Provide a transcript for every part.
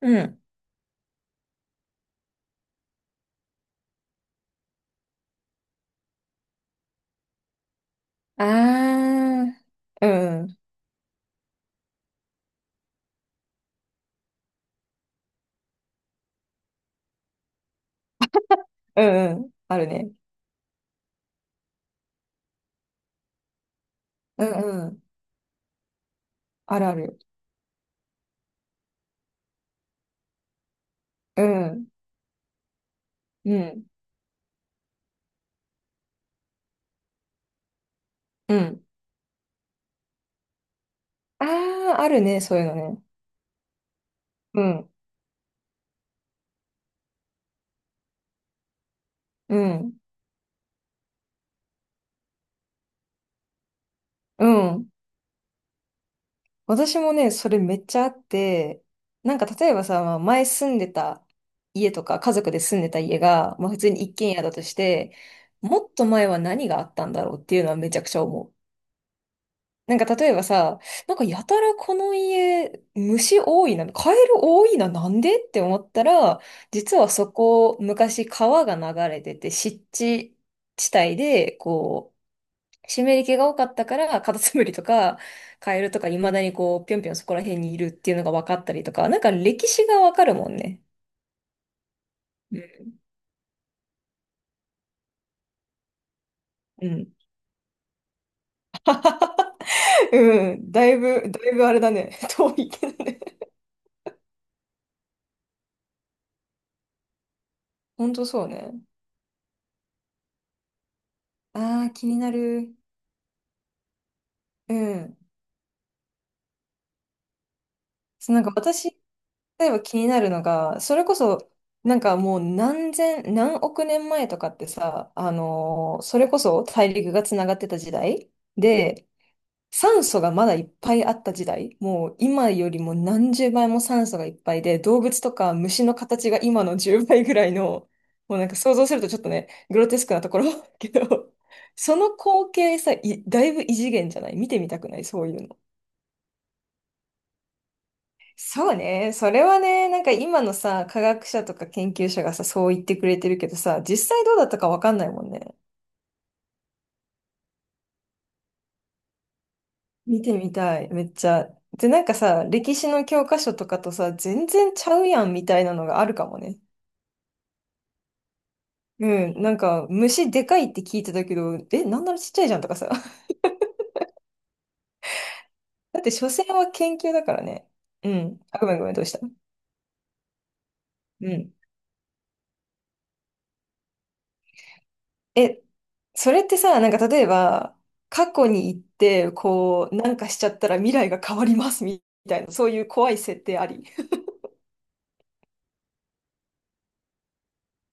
うん。ああ、うん、うん、うん、あるね。うん、うん、あるある。うん、うん、うん。ああ、あるね、そういうのね。うん、うん、うん。私もね、それめっちゃあって、なんか例えばさ、まあ前住んでた家とか、家族で住んでた家が、まあ普通に一軒家だとして、もっと前は何があったんだろうっていうのはめちゃくちゃ思う。なんか例えばさ、なんかやたらこの家、虫多いな、カエル多いな、なんでって思ったら、実はそこ、昔川が流れてて、湿地地帯で、こう、湿り気が多かったから、カタツムリとか、カエルとか、未だにこう、ぴょんぴょんそこら辺にいるっていうのが分かったりとか、なんか歴史がわかるもんね。うんうん。うん、だいぶあれだね。遠いけどね。ほんとそうね。ああ、気になる。うん。そう、なんか私、例えば気になるのが、それこそ、なんかもう何千、何億年前とかってさ、それこそ大陸がつながってた時代で、酸素がまだいっぱいあった時代、もう今よりも何十倍も酸素がいっぱいで、動物とか虫の形が今の10倍ぐらいの、もうなんか想像するとちょっとね、グロテスクなところ けど、その光景さ、いだいぶ異次元じゃない？見てみたくないそういうの？そうね。それはね、なんか今のさ、科学者とか研究者がさ、そう言ってくれてるけどさ、実際どうだったかわかんないもんね。見てみたい、めっちゃ。で、なんかさ、歴史の教科書とかとさ、全然ちゃうやんみたいなのがあるかもね。うん、なんか虫でかいって聞いてたけど、え、なんならちっちゃいじゃんとかさ。だって所詮は研究だからね。うん。あ、ごめんごめん、どうした？うん。え、それってさ、なんか例えば、過去に行って、こう、なんかしちゃったら未来が変わりますみたいな、そういう怖い設定あり？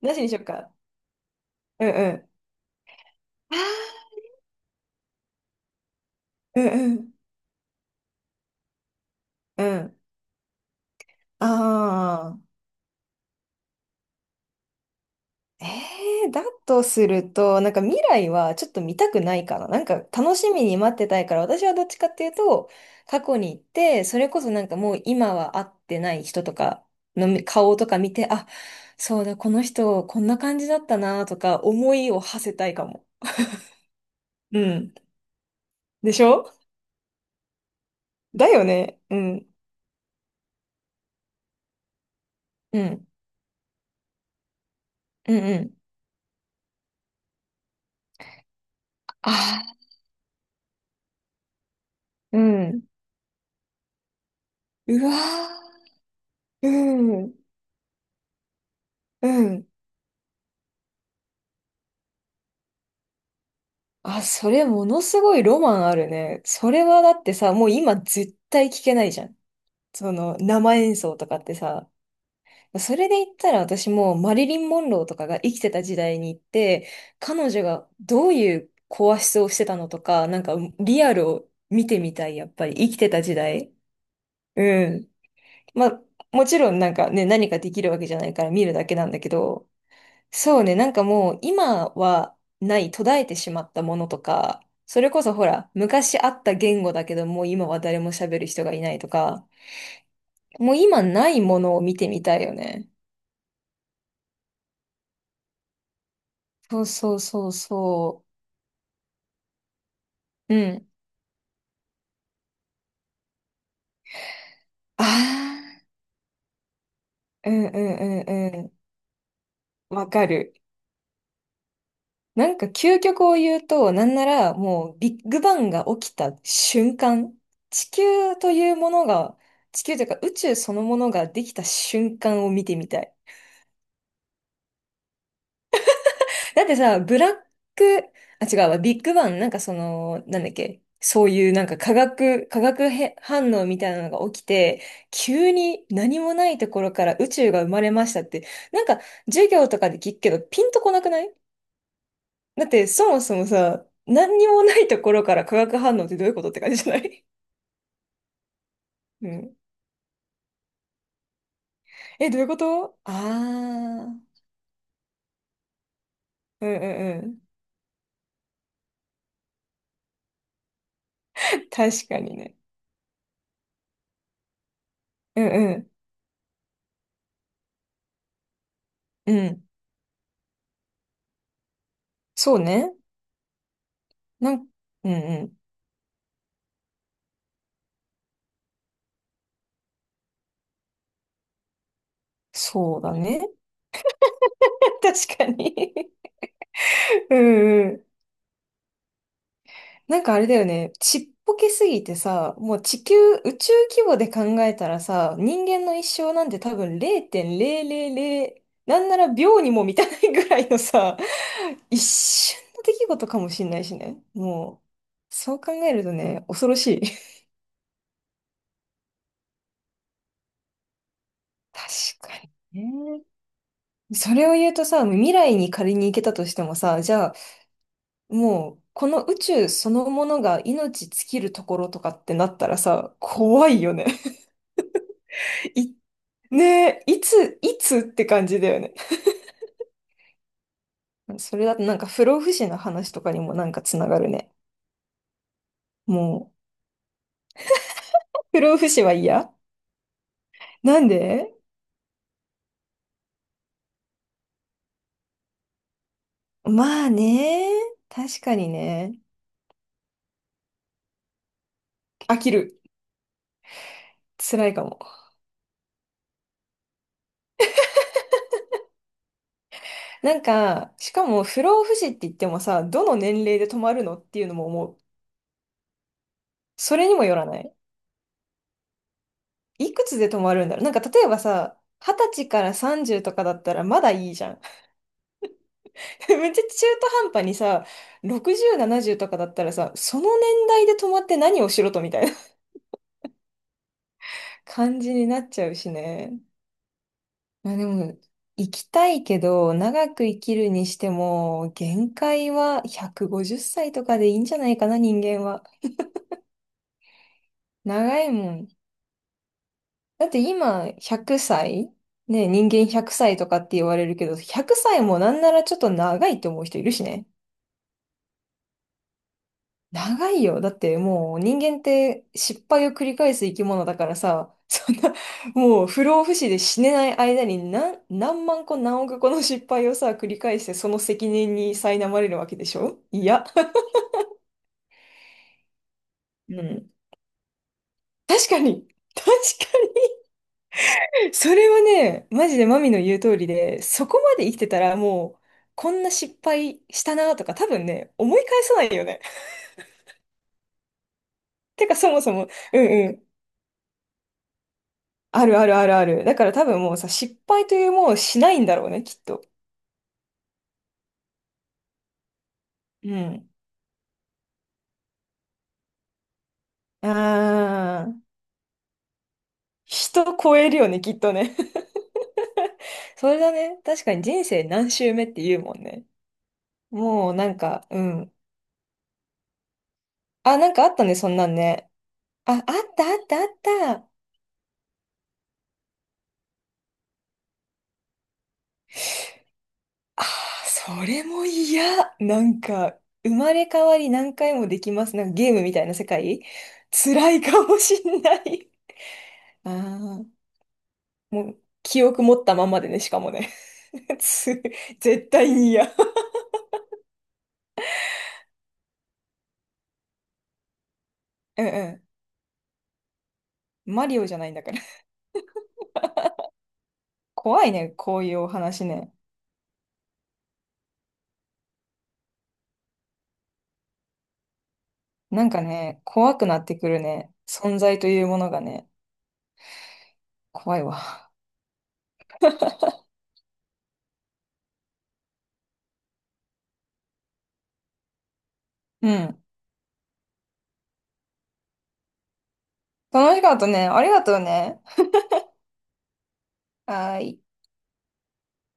なしにしようか。うんうん。あーうんうん。うん。あえだとすると、なんか未来はちょっと見たくないかな。なんか楽しみに待ってたいから、私はどっちかっていうと、過去に行って、それこそなんかもう今は会ってない人とかの顔とか見て、あ、そうだ、この人こんな感じだったなとか思いを馳せたいかも。うん。でしょ？だよね。うん。うん。うんうん。ああ、うん。うわー、うん。うん。あ、それものすごいロマンあるね。それはだってさ、もう今絶対聞けないじゃん。その生演奏とかってさ。それで言ったら私もうマリリン・モンローとかが生きてた時代に行って、彼女がどういう声質をしてたのとか、なんかリアルを見てみたい、やっぱり生きてた時代。うん。まあ、もちろんなんかね、何かできるわけじゃないから見るだけなんだけど、そうね、なんかもう今はない途絶えてしまったものとか、それこそほら、昔あった言語だけどもう今は誰も喋る人がいないとか、もう今ないものを見てみたいよね。そうそうそうそう。うん。ああ、うんうんうんうん。わかる。なんか究極を言うと、なんならもうビッグバンが起きた瞬間、地球というものが、地球というか宇宙そのものができた瞬間を見てみたい。だってさ、ブラック、あ、違うわ、ビッグバン、なんかその、なんだっけ、そういうなんか化学へ反応みたいなのが起きて、急に何もないところから宇宙が生まれましたって、なんか授業とかで聞くけど、ピンとこなくない？だってそもそもさ、何にもないところから化学反応ってどういうことって感じじゃない？ うん。え、どういうこと？ああー、うんうんうん。確かにね。うんうん。うん。そうね。なん、うんうん。そうだね。確かに。うんうん。なんかあれだよね。ちっぽけすぎてさ、もう地球、宇宙規模で考えたらさ、人間の一生なんて多分0.000、なんなら秒にも満たないぐらいのさ、一瞬の出来事かもしんないしね。もう、そう考えるとね、恐ろしい。確かにね。それを言うとさ、未来に仮に行けたとしてもさ、じゃあもう、この宇宙そのものが命尽きるところとかってなったらさ、怖いよね。い、ねえ、いつって感じだよね。それだとなんか不老不死の話とかにもなんかつながるね。もう、不老不死は嫌。なんで？まあね。確かにね。飽きる。辛いかも。なんか、しかも不老不死って言ってもさ、どの年齢で止まるのっていうのも思う。それにもよらない。いくつで止まるんだろう。なんか例えばさ、二十歳から30とかだったらまだいいじゃん。めっちゃ中途半端にさ、60、70とかだったらさ、その年代で止まって何をしろとみたいな 感じになっちゃうしね。まあでも、生きたいけど、長く生きるにしても、限界は150歳とかでいいんじゃないかな、人間は。長いもん。だって今、100歳ね、人間100歳とかって言われるけど、100歳もなんならちょっと長いって思う人いるしね。長いよ。だってもう人間って失敗を繰り返す生き物だからさ、そんな、もう不老不死で死ねない間に何万個何億個の失敗をさ、繰り返してその責任に苛まれるわけでしょ？いや、うん。確かに、確かに。それはね、マジでマミの言う通りで、そこまで生きてたらもう、こんな失敗したなとか多分ね、思い返さないよね。てかそもそも、うん、あるあるあるある。だから多分もうさ、失敗というものをしないんだろうね、きっと。うん。あー、人超えるよね、きっとね。それだね。確かに人生何周目って言うもんね。もうなんか、うん。あ、なんかあったね、そんなんね。あ、あったあったあった。あー、それも嫌。なんか、生まれ変わり何回もできます。なんかゲームみたいな世界。辛いかもしんない。あー。もう、記憶持ったまんまでね、しかもね。つ絶対に嫌。うんうん。マリオじゃないんだから。怖いね、こういうお話ね。なんかね、怖くなってくるね。存在というものがね、怖いわ。うん。楽しかったね。ありがとうね。はーい。